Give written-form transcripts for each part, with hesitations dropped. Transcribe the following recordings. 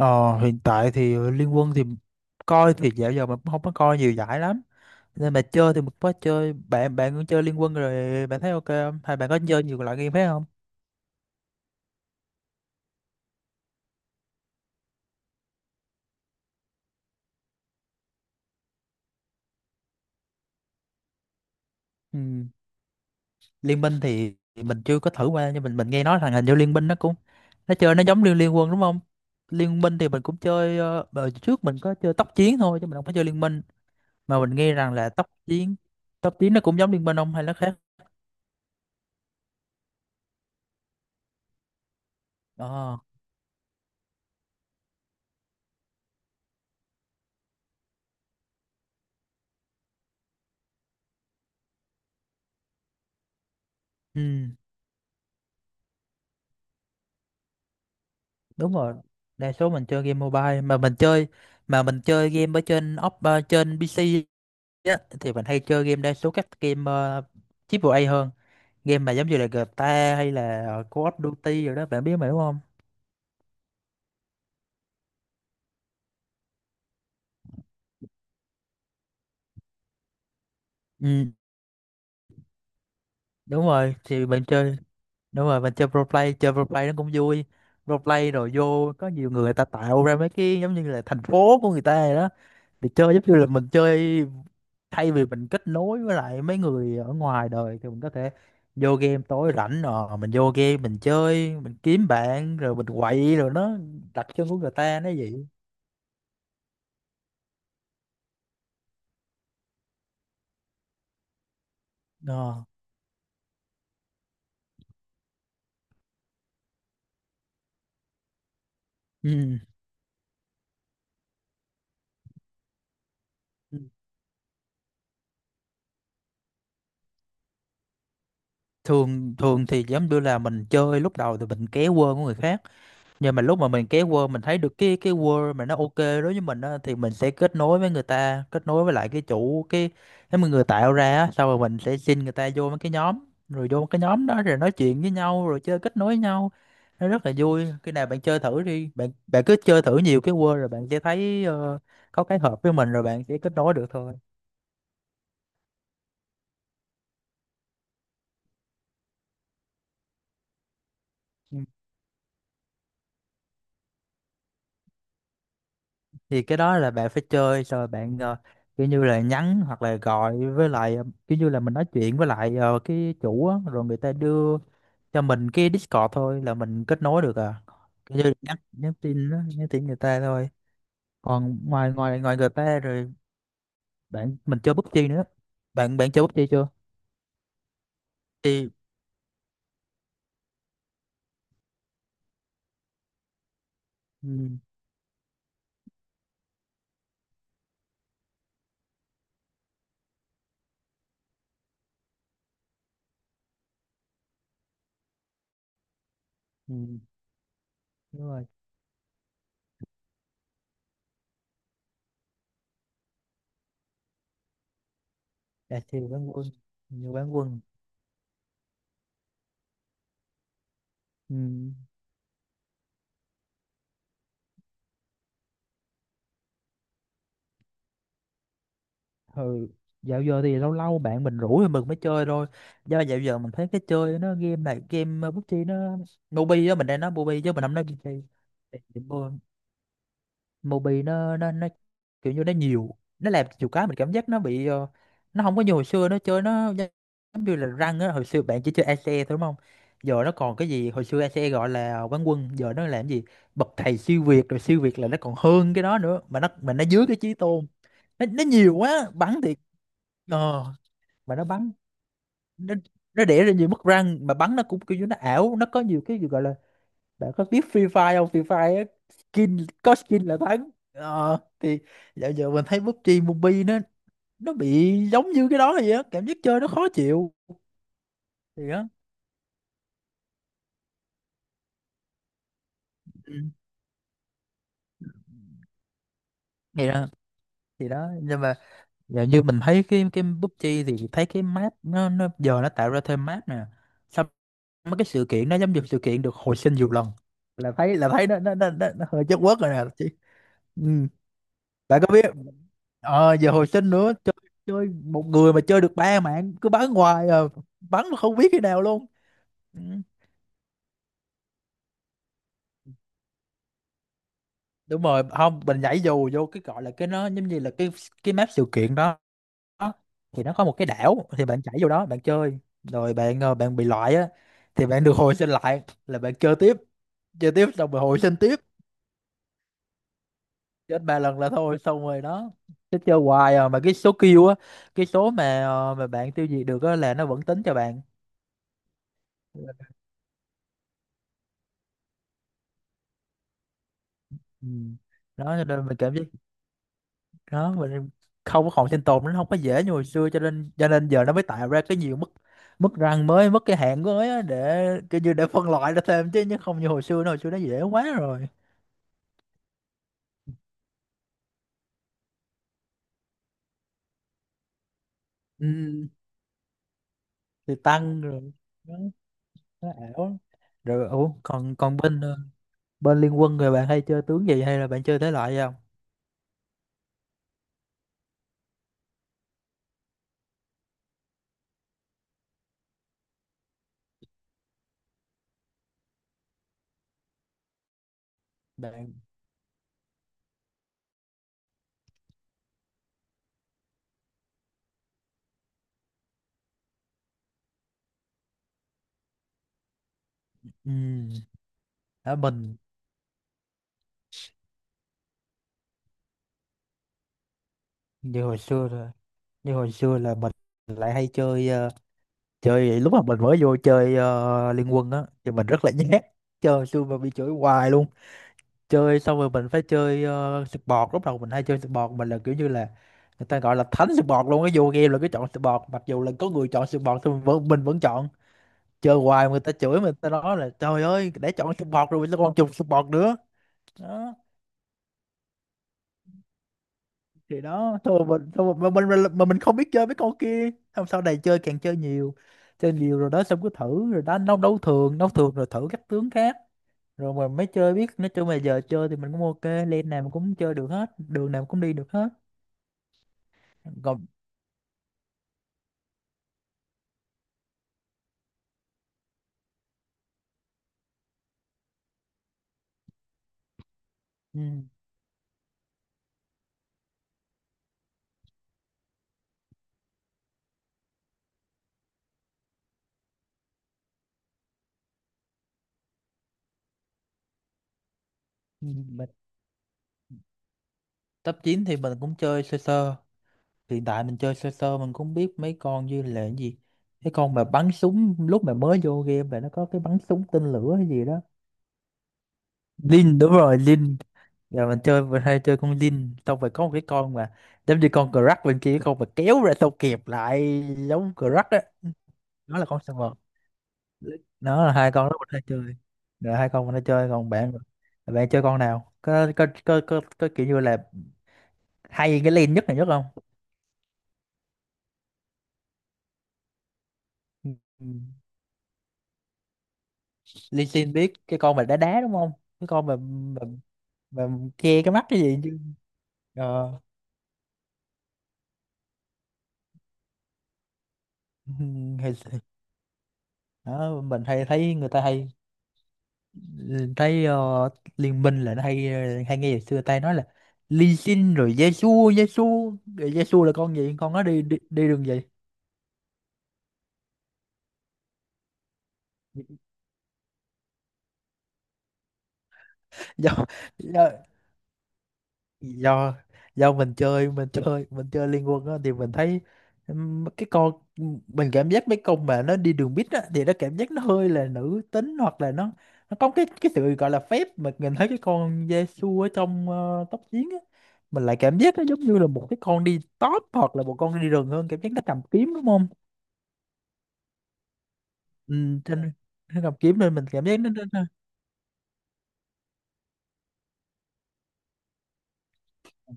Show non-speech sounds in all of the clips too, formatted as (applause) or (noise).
Ờ, Hiện tại thì Liên Quân thì coi thì dạo giờ mình cũng không có coi nhiều giải lắm, nên mà chơi thì mình có chơi. Bạn bạn cũng chơi Liên Quân rồi, bạn thấy ok không hay bạn có chơi nhiều loại game khác không? Ừ. Liên Minh thì mình chưa có thử qua, nhưng mình nghe nói là hình như Liên Minh nó cũng nó chơi nó giống Liên Liên Quân đúng không? Liên Minh thì mình cũng chơi, đợt trước mình có chơi tốc chiến thôi chứ mình không có chơi Liên Minh, mà mình nghe rằng là tốc chiến nó cũng giống Liên Minh không hay nó khác? ờ ừ. Đúng rồi, đa số mình chơi game mobile, mà mình chơi game ở trên op, trên PC á, thì mình hay chơi game, đa số các game uh, triple A hơn, game mà giống như là GTA hay là, Call of Duty rồi đó, bạn biết mà đúng không? Ừ, đúng rồi thì mình chơi. Đúng rồi, mình chơi pro play, chơi pro play nó cũng vui. Pro play rồi vô có nhiều người, người ta tạo ra mấy cái giống như là thành phố của người ta rồi đó, thì chơi giống như là mình chơi, thay vì mình kết nối với lại mấy người ở ngoài đời thì mình có thể vô game tối rảnh rồi mình vô game mình chơi mình kiếm bạn rồi mình quậy rồi nó đặt chân của người ta nó vậy. Ờ. Ừ. Thường thường thì giống như là mình chơi lúc đầu thì mình ké quơ của người khác, nhưng mà lúc mà mình kéo Word mình thấy được cái Word mà nó ok đối với mình á, thì mình sẽ kết nối với người ta, kết nối với lại cái chủ cái mà người tạo ra á, sau rồi mình sẽ xin người ta vô mấy cái nhóm, rồi vô cái nhóm đó rồi nói chuyện với nhau rồi chơi kết nối với nhau. Nó rất là vui, khi nào bạn chơi thử đi, bạn bạn cứ chơi thử nhiều cái Word rồi bạn sẽ thấy, có cái hợp với mình rồi bạn sẽ kết nối được thôi. Ừ. Thì cái đó là bạn phải chơi xong rồi bạn, kiểu như là nhắn hoặc là gọi với lại, kiểu như là mình nói chuyện với lại, cái chủ á, rồi người ta đưa cho mình cái Discord thôi là mình kết nối được à. Cái như nhắn nhắn tin đó, nhắn tin người ta thôi. Còn ngoài ngoài ngoài người ta rồi, bạn mình chơi PUBG nữa, bạn bạn chơi PUBG chưa? Thì ừ, ừ, đúng rồi. Đạt thì bán quân, nhiều bán quân. Ừ. Ừ. Dạo giờ thì lâu lâu bạn mình rủ thì mình mới chơi thôi, do dạo giờ mình thấy cái chơi nó game này game, PUBG nó mobi đó, mình đang nói mobi chứ mình không nói PUBG. Mobi nó nó kiểu như nó nhiều, nó làm nhiều cái mình cảm giác nó bị, nó không có như hồi xưa nó chơi nó giống như là răng á. Hồi xưa bạn chỉ chơi ACE thôi đúng không, giờ nó còn cái gì? Hồi xưa ACE gọi là quán quân, giờ nó làm gì bậc thầy siêu việt rồi, siêu việt là nó còn hơn cái đó nữa mà, nó mà nó dưới cái chí tôn. Nó nhiều quá. Bắn thì ờ mà nó bắn, nó nó đẻ ra nhiều mất răng mà bắn nó cũng kiểu như nó ảo, nó có nhiều cái gì gọi là, bạn có biết Free Fire không? Free Fire á, skin, có skin là thắng. Ờ, thì dạo giờ mình thấy PUBG Mobile nó bị giống như cái đó vậy á, cảm giác chơi nó khó chịu. Thì đó. Ừ. Thì đó, thì đó, nhưng mà dạo như mình thấy cái PUBG, thì thấy cái map nó giờ nó tạo ra thêm map nè. Xong mấy cái sự kiện nó giống như sự kiện được hồi sinh nhiều lần. Là thấy nó hơi chất quất rồi nè chị. Ừ. Bạn có biết, giờ hồi sinh nữa, chơi chơi một người mà chơi được ba mạng, cứ bắn hoài à, bắn mà không biết khi nào luôn. Ừ. Đúng rồi, không mình nhảy dù vô cái gọi là cái, nó giống như là cái map sự kiện đó, thì nó có một cái đảo, thì bạn nhảy vô đó bạn chơi rồi bạn, bạn bị loại á, thì bạn được hồi sinh lại là bạn chơi tiếp, chơi tiếp xong rồi hồi sinh tiếp. Chết ba lần là thôi xong rồi đó, chứ chơi hoài à. Mà cái số kill á, cái số mà, mà bạn tiêu diệt được á là nó vẫn tính cho bạn. Ừ. Đó cho nên mình cảm giác đó, mình không có còn sinh tồn, nó không có dễ như hồi xưa, cho nên giờ nó mới tạo ra cái nhiều mức, mức răng mới, mức cái hạng mới á, để kiểu như để phân loại ra thêm chứ nhưng không như hồi xưa nữa, hồi xưa nó dễ quá rồi. Ừ. Thì tăng rồi, nó, nó ảo rồi. Ủa, còn còn bên, bên liên quân rồi bạn hay chơi tướng gì hay là bạn chơi thể loại gì không bạn? Ừ, Ở mình như hồi xưa rồi, như hồi xưa là mình lại hay chơi, chơi lúc mà mình mới vô chơi, Liên Quân á, thì mình rất là nhát, chơi xui mà bị chửi hoài luôn. Chơi xong rồi mình phải chơi support. Lúc đầu mình hay chơi support, mình là kiểu như là người ta gọi là thánh support luôn, cái vô game là cứ chọn support, mặc dù là có người chọn support thì mình vẫn chọn, chơi hoài mà người ta chửi mình, ta nói là trời ơi để chọn support rồi sao còn chọn support nữa. Đó. Thì đó thôi, mình thôi mà mình không biết chơi mấy con kia. Xong sau này chơi chơi nhiều, chơi nhiều rồi đó, xong cứ thử rồi đánh đấu đấu thường, đấu thường rồi thử các tướng khác rồi mà mới chơi biết. Nói chung là giờ chơi thì mình cũng ok, lên nào mình cũng chơi được hết, đường nào mình cũng đi được hết. Còn ừ, ừ, mình top 9 thì mình cũng chơi sơ sơ. Hiện tại mình chơi sơ sơ, mình cũng biết mấy con, như là cái gì, cái con mà bắn súng lúc mà mới vô game là nó có cái bắn súng tên lửa hay gì đó. Lin, đúng rồi, Lin. Giờ mình chơi mình hay chơi con Lin, xong rồi có một cái con mà giống như con Crack bên kia, con mà kéo ra xong kẹp lại, giống Crack á, nó là con sờ. Nó là hai con nó hay chơi, rồi hai con nó chơi. Còn bạn, bạn chơi con nào có có kiểu như là hay cái lane nhất này, nhất không? Ừ. Lee Sin, biết cái con mà đá đá đúng không, cái con mà che cái mắt cái gì chứ. Ờ (laughs) Ừ. Hay- đó mình hay thấy người ta hay thấy, liên minh là nó hay, hay nghe ngày xưa ta nói là Lee Sin rồi Yasuo Yasuo, rồi Yasuo là con gì, con nó đi đi đường gì? (laughs) Do, do do do mình chơi mình chơi Liên Quân á thì mình thấy, cái con, mình cảm giác mấy con mà nó đi đường bít á thì nó cảm giác nó hơi là nữ tính hoặc là nó có cái sự gọi là phép, mà nhìn thấy cái con Yasuo ở trong, tóc chiến á, mình lại cảm giác nó giống như là một cái con đi top hoặc là một con đi rừng hơn, cảm giác nó cầm kiếm đúng không. Ừ, trên nó cầm kiếm nên mình cảm giác nó. Ừ,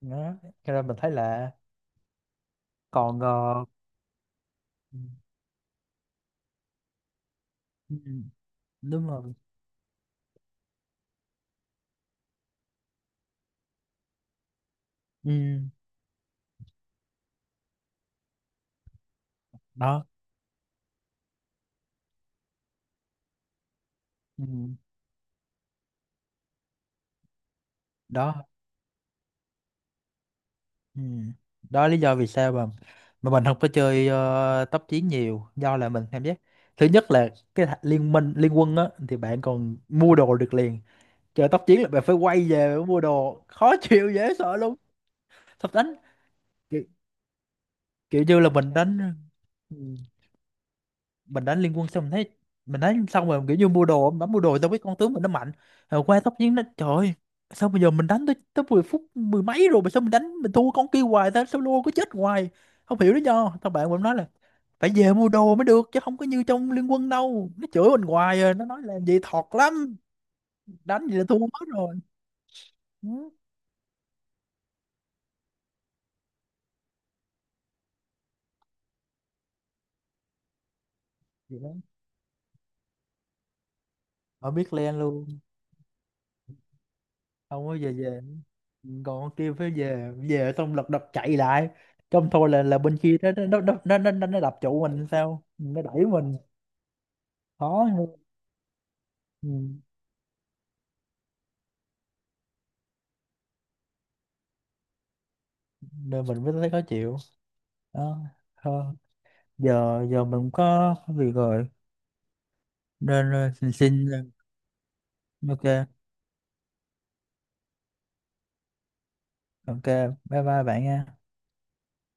đó cho nên mình thấy là còn, ừ, ừ, đúng rồi. Ừ, đó. Ừ. Đó. Ừ. Đó là lý do vì sao mà mình không có chơi, tốc chiến nhiều, do là mình cảm giác thứ nhất là cái thà- liên minh liên quân á thì bạn còn mua đồ được liền, chơi tốc chiến là bạn phải quay về mua đồ khó chịu dễ sợ luôn. Thật đánh kiểu, kiểu như là mình đánh. Ừ. Mình đánh liên quân xong mình thấy, mình đánh xong rồi kiểu như mua đồ bấm mua đồ, tao biết con tướng mình nó mạnh, rồi qua tóc chiến nó trời ơi, sao bây giờ mình đánh tới tới 10 phút mười mấy rồi mà sao mình đánh mình thua con kia hoài ta, sao luôn có chết hoài không hiểu lý do. Tao bạn mình nói là phải về mua đồ mới được, chứ không có như trong liên quân đâu, nó chửi mình hoài, rồi nó nói làm gì thọt lắm, đánh gì là thua hết rồi. Ừ. Vậy đó. Mà biết len luôn, không có về. Còn kia phải về về xong lật đật chạy lại, trong thôi là bên kia nó đập trụ mình, sao nó đẩy mình khó nữa. Ừ, nên mình mới thấy khó chịu đó. Thôi giờ giờ mình có việc rồi, nên xin xin ờ, ok. Ok, bye bye bạn nha.